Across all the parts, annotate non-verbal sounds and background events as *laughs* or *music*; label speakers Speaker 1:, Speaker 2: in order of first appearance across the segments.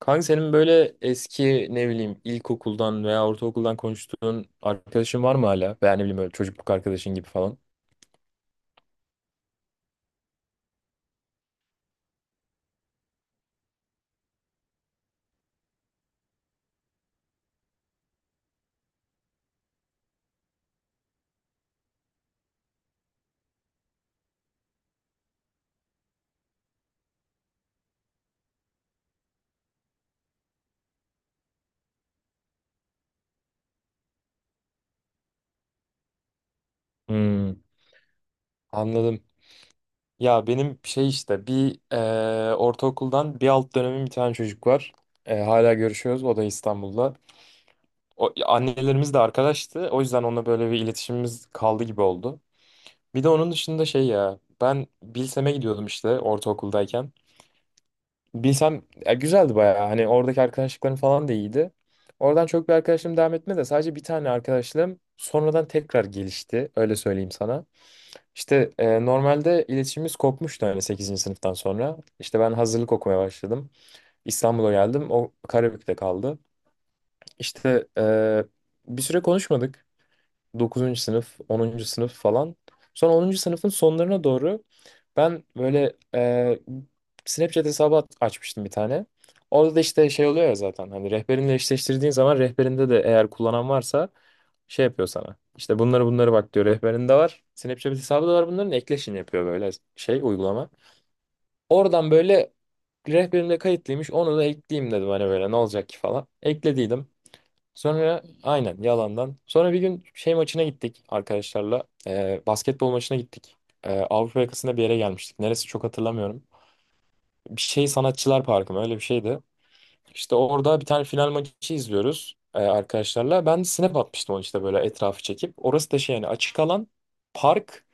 Speaker 1: Kanka senin böyle eski ne bileyim ilkokuldan veya ortaokuldan konuştuğun arkadaşın var mı hala? Veya ne bileyim böyle çocukluk arkadaşın gibi falan. Hmm, anladım. Ya benim şey işte bir ortaokuldan bir alt dönemin bir tane çocuk var. Hala görüşüyoruz. O da İstanbul'da. O, annelerimiz de arkadaştı. O yüzden onunla böyle bir iletişimimiz kaldı gibi oldu. Bir de onun dışında şey ya ben Bilsem'e gidiyordum işte ortaokuldayken. Bilsem ya güzeldi bayağı. Hani oradaki arkadaşlıklarım falan da iyiydi. Oradan çok bir arkadaşlığım devam etmedi de sadece bir tane arkadaşlığım sonradan tekrar gelişti. Öyle söyleyeyim sana. İşte normalde iletişimimiz kopmuştu hani sekizinci sınıftan sonra. İşte ben hazırlık okumaya başladım. İstanbul'a geldim. O Karabük'te kaldı. İşte bir süre konuşmadık. Dokuzuncu sınıf, 10. sınıf falan. Sonra 10. sınıfın sonlarına doğru ben böyle Snapchat hesabı açmıştım bir tane. Orada da işte şey oluyor ya zaten hani rehberinle eşleştirdiğin zaman rehberinde de eğer kullanan varsa şey yapıyor sana. İşte bunları bak diyor rehberinde var. Snapchat hesabı da var bunların ekleşin yapıyor böyle şey uygulama. Oradan böyle rehberimde kayıtlıymış onu da ekleyeyim dedim hani böyle ne olacak ki falan. Eklediydim. Sonra aynen yalandan. Sonra bir gün şey maçına gittik arkadaşlarla. Basketbol maçına gittik. Avrupa yakasında bir yere gelmiştik. Neresi çok hatırlamıyorum. Bir şey Sanatçılar Parkı mı öyle bir şeydi. İşte orada bir tane final maçı izliyoruz arkadaşlarla. Ben snap atmıştım onu işte böyle etrafı çekip. Orası da şey yani açık alan park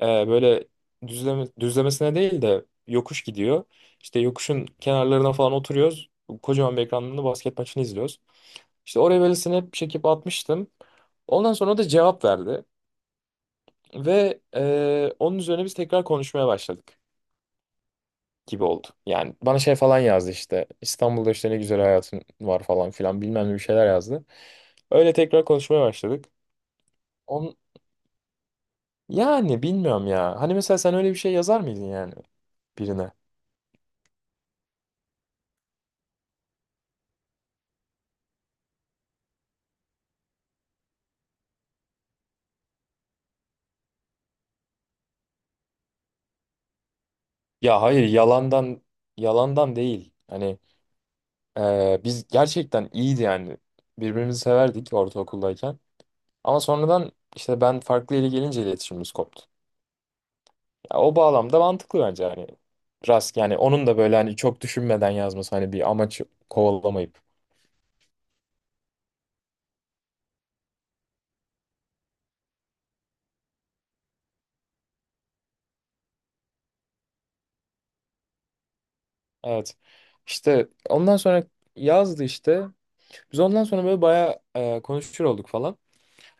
Speaker 1: böyle düzlemesine değil de yokuş gidiyor. İşte yokuşun kenarlarına falan oturuyoruz. Kocaman bir ekranda basket maçını izliyoruz. İşte oraya Rebels'ini hep çekip atmıştım. Ondan sonra o da cevap verdi. Ve onun üzerine biz tekrar konuşmaya başladık gibi oldu. Yani bana şey falan yazdı işte. İstanbul'da işte ne güzel hayatın var falan filan bilmem ne bir şeyler yazdı. Öyle tekrar konuşmaya başladık. On, Yani bilmiyorum ya. Hani mesela sen öyle bir şey yazar mıydın yani birine? Ya hayır yalandan değil. Hani biz gerçekten iyiydi yani. Birbirimizi severdik ortaokuldayken. Ama sonradan işte ben farklı yere gelince iletişimimiz koptu. Ya o bağlamda mantıklı bence hani. Rast yani onun da böyle hani çok düşünmeden yazması hani bir amaç kovalamayıp. Evet. İşte ondan sonra yazdı işte. Biz ondan sonra böyle bayağı konuşur olduk falan.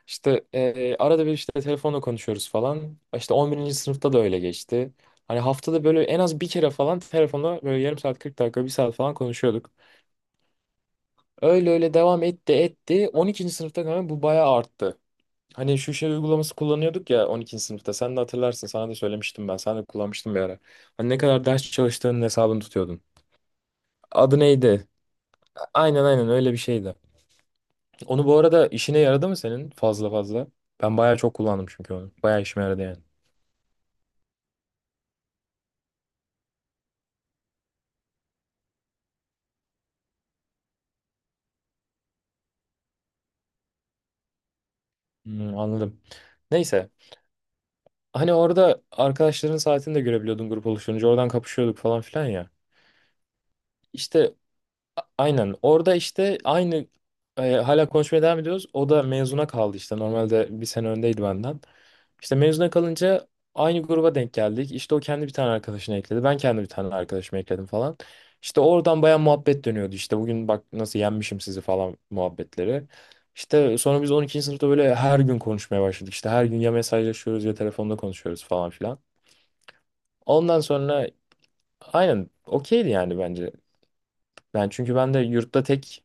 Speaker 1: İşte arada bir işte telefonla konuşuyoruz falan. İşte 11. sınıfta da öyle geçti. Hani haftada böyle en az bir kere falan telefonla böyle yarım saat 40 dakika bir saat falan konuşuyorduk. Öyle öyle devam etti. 12. sınıfta kanka bu bayağı arttı. Hani şu şey uygulaması kullanıyorduk ya 12. sınıfta. Sen de hatırlarsın. Sana da söylemiştim ben. Sen de kullanmıştın bir ara. Hani ne kadar ders çalıştığının hesabını tutuyordun. Adı neydi? Aynen aynen öyle bir şeydi. Onu bu arada işine yaradı mı senin fazla fazla? Ben bayağı çok kullandım çünkü onu. Bayağı işime yaradı yani. Hmm, anladım. Neyse. Hani orada arkadaşların saatini de görebiliyordun grup oluşturunca. Oradan kapışıyorduk falan filan ya. İşte aynen. Orada işte aynı hala konuşmaya devam ediyoruz. O da mezuna kaldı işte. Normalde bir sene öndeydi benden. İşte mezuna kalınca aynı gruba denk geldik. İşte o kendi bir tane arkadaşını ekledi. Ben kendi bir tane arkadaşımı ekledim falan. İşte oradan baya muhabbet dönüyordu. İşte bugün bak nasıl yenmişim sizi falan muhabbetleri. İşte sonra biz 12. sınıfta böyle her gün konuşmaya başladık. İşte her gün ya mesajlaşıyoruz ya telefonda konuşuyoruz falan filan. Ondan sonra aynen okeydi yani bence. Ben çünkü ben de yurtta tek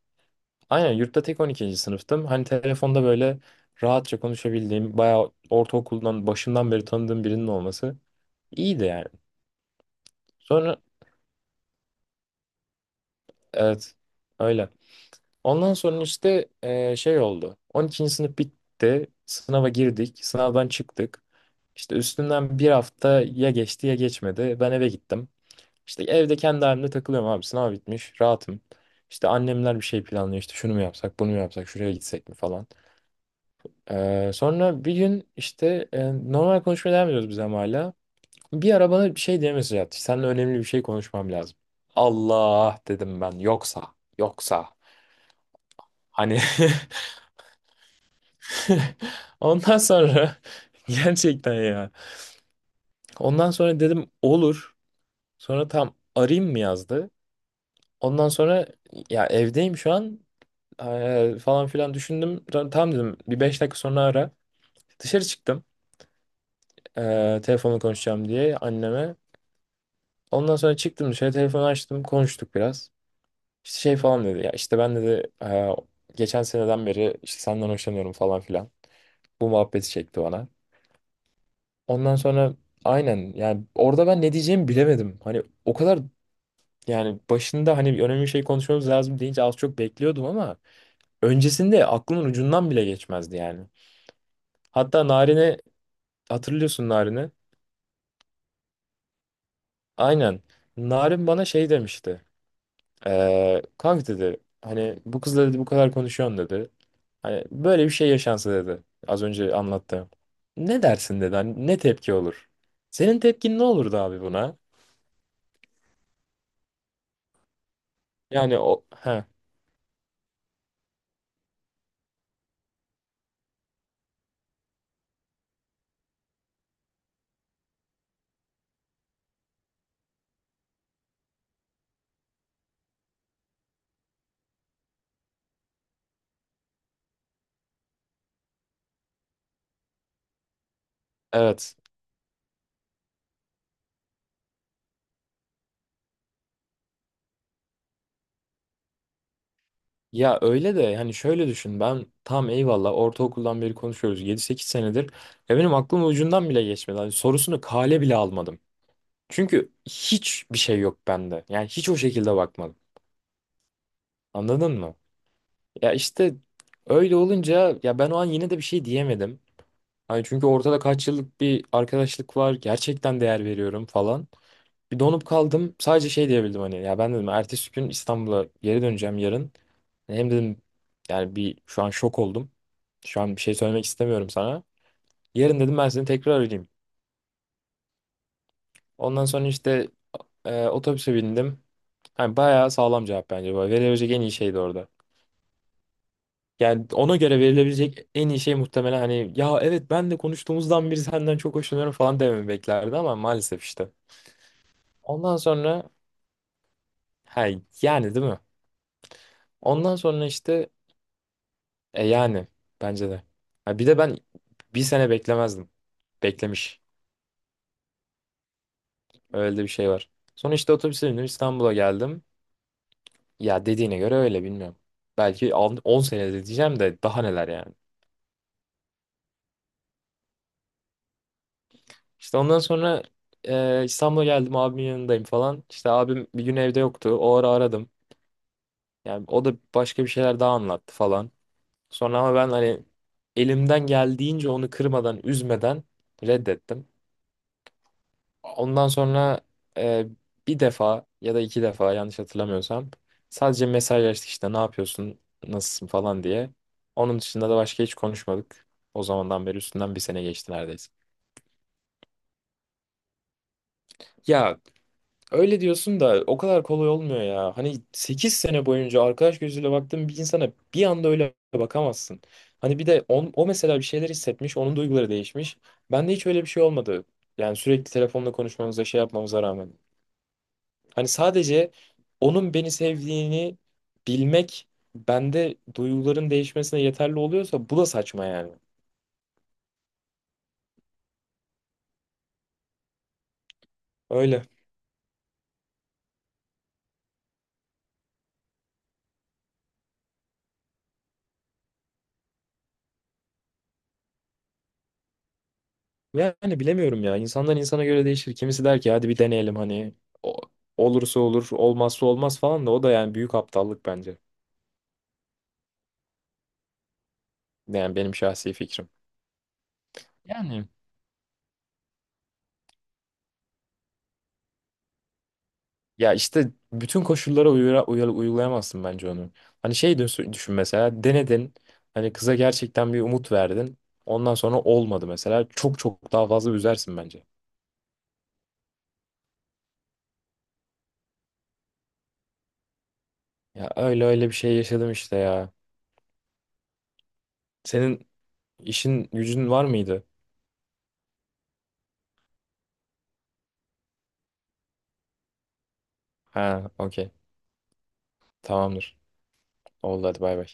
Speaker 1: aynen yurtta tek 12. sınıftım. Hani telefonda böyle rahatça konuşabildiğim, bayağı ortaokuldan başından beri tanıdığım birinin olması iyiydi yani. Sonra evet öyle. Ondan sonra işte şey oldu. On ikinci sınıf bitti. Sınava girdik. Sınavdan çıktık. İşte üstünden bir hafta ya geçti ya geçmedi. Ben eve gittim. İşte evde kendi halimde takılıyorum abi. Sınav bitmiş. Rahatım. İşte annemler bir şey planlıyor. İşte şunu mu yapsak, bunu mu yapsak, şuraya gitsek mi falan. Sonra bir gün işte normal konuşmaya devam ediyoruz biz ama hala. Bir ara bana bir şey diye mesaj attı. Seninle önemli bir şey konuşmam lazım. Allah dedim ben yoksa hani *laughs* ondan sonra *laughs* gerçekten ya. Ondan sonra dedim olur. Sonra tam arayayım mı yazdı. Ondan sonra ya evdeyim şu an falan filan düşündüm. Tam dedim bir 5 dakika sonra ara. Dışarı çıktım telefonla konuşacağım diye anneme. Ondan sonra çıktım dışarı telefonu açtım konuştuk biraz. İşte şey falan dedi ya işte ben dedi Geçen seneden beri işte senden hoşlanıyorum falan filan. Bu muhabbeti çekti bana. Ondan sonra aynen yani orada ben ne diyeceğimi bilemedim. Hani o kadar yani başında hani önemli bir şey konuşmamız lazım deyince az çok bekliyordum ama öncesinde aklımın ucundan bile geçmezdi yani. Hatta Narin'e hatırlıyorsun Narin'i. Aynen. Narin bana şey demişti. Kanka dedi hani bu kızla dedi bu kadar konuşuyorsun dedi. Hani böyle bir şey yaşansa dedi. Az önce anlattığım. Ne dersin dedi. Hani ne tepki olur? Senin tepkin ne olurdu abi buna? Yani o ha evet. Ya öyle de hani şöyle düşün ben tam eyvallah ortaokuldan beri konuşuyoruz 7-8 senedir ya benim aklım ucundan bile geçmedi. Hani sorusunu kale bile almadım. Çünkü hiçbir şey yok bende. Yani hiç o şekilde bakmadım. Anladın mı? Ya işte öyle olunca ya ben o an yine de bir şey diyemedim. Hani çünkü ortada kaç yıllık bir arkadaşlık var. Gerçekten değer veriyorum falan. Bir donup kaldım. Sadece şey diyebildim hani ya ben dedim ertesi gün İstanbul'a geri döneceğim yarın. Hem dedim yani bir şu an şok oldum. Şu an bir şey söylemek istemiyorum sana. Yarın dedim ben seni tekrar arayayım. Ondan sonra işte otobüse bindim. Hani bayağı sağlam cevap bence. Böyle verilebilecek en iyi şeydi orada. Yani ona göre verilebilecek en iyi şey muhtemelen hani ya evet ben de konuştuğumuzdan beri senden çok hoşlanıyorum falan dememi beklerdi ama maalesef işte. Ondan sonra ha yani değil mi? Ondan sonra işte yani bence de. Ha, bir de ben bir sene beklemezdim. Beklemiş. Öyle de bir şey var. Sonra işte otobüse bindim İstanbul'a geldim. Ya dediğine göre öyle bilmiyorum. Belki 10 senede diyeceğim de daha neler yani. İşte ondan sonra İstanbul'a geldim abimin yanındayım falan. İşte abim bir gün evde yoktu. O ara aradım. Yani o da başka bir şeyler daha anlattı falan. Sonra ama ben hani elimden geldiğince onu kırmadan, üzmeden reddettim. Ondan sonra e, bir defa ya da iki defa yanlış hatırlamıyorsam sadece mesajlaştık işte ne yapıyorsun, nasılsın falan diye. Onun dışında da başka hiç konuşmadık. O zamandan beri üstünden bir sene geçti neredeyse. Ya öyle diyorsun da o kadar kolay olmuyor ya. Hani 8 sene boyunca arkadaş gözüyle baktığın bir insana bir anda öyle bakamazsın. Hani bir de o mesela bir şeyler hissetmiş, onun duyguları değişmiş. Bende hiç öyle bir şey olmadı. Yani sürekli telefonla konuşmamıza şey yapmamıza rağmen. Hani sadece onun beni sevdiğini bilmek bende duyguların değişmesine yeterli oluyorsa bu da saçma yani. Öyle. Yani bilemiyorum ya. İnsandan insana göre değişir. Kimisi der ki hadi bir deneyelim hani o- olursa olur, olmazsa olmaz falan da o da yani büyük aptallık bence. Yani benim şahsi fikrim. Yani ya işte bütün koşullara uygulayamazsın bence onu. Hani şey düşün mesela denedin. Hani kıza gerçekten bir umut verdin. Ondan sonra olmadı mesela. Çok çok daha fazla üzersin bence. Ya öyle öyle bir şey yaşadım işte ya. Senin işin gücün var mıydı? Ha, okey. Tamamdır. Oldu hadi bay bay.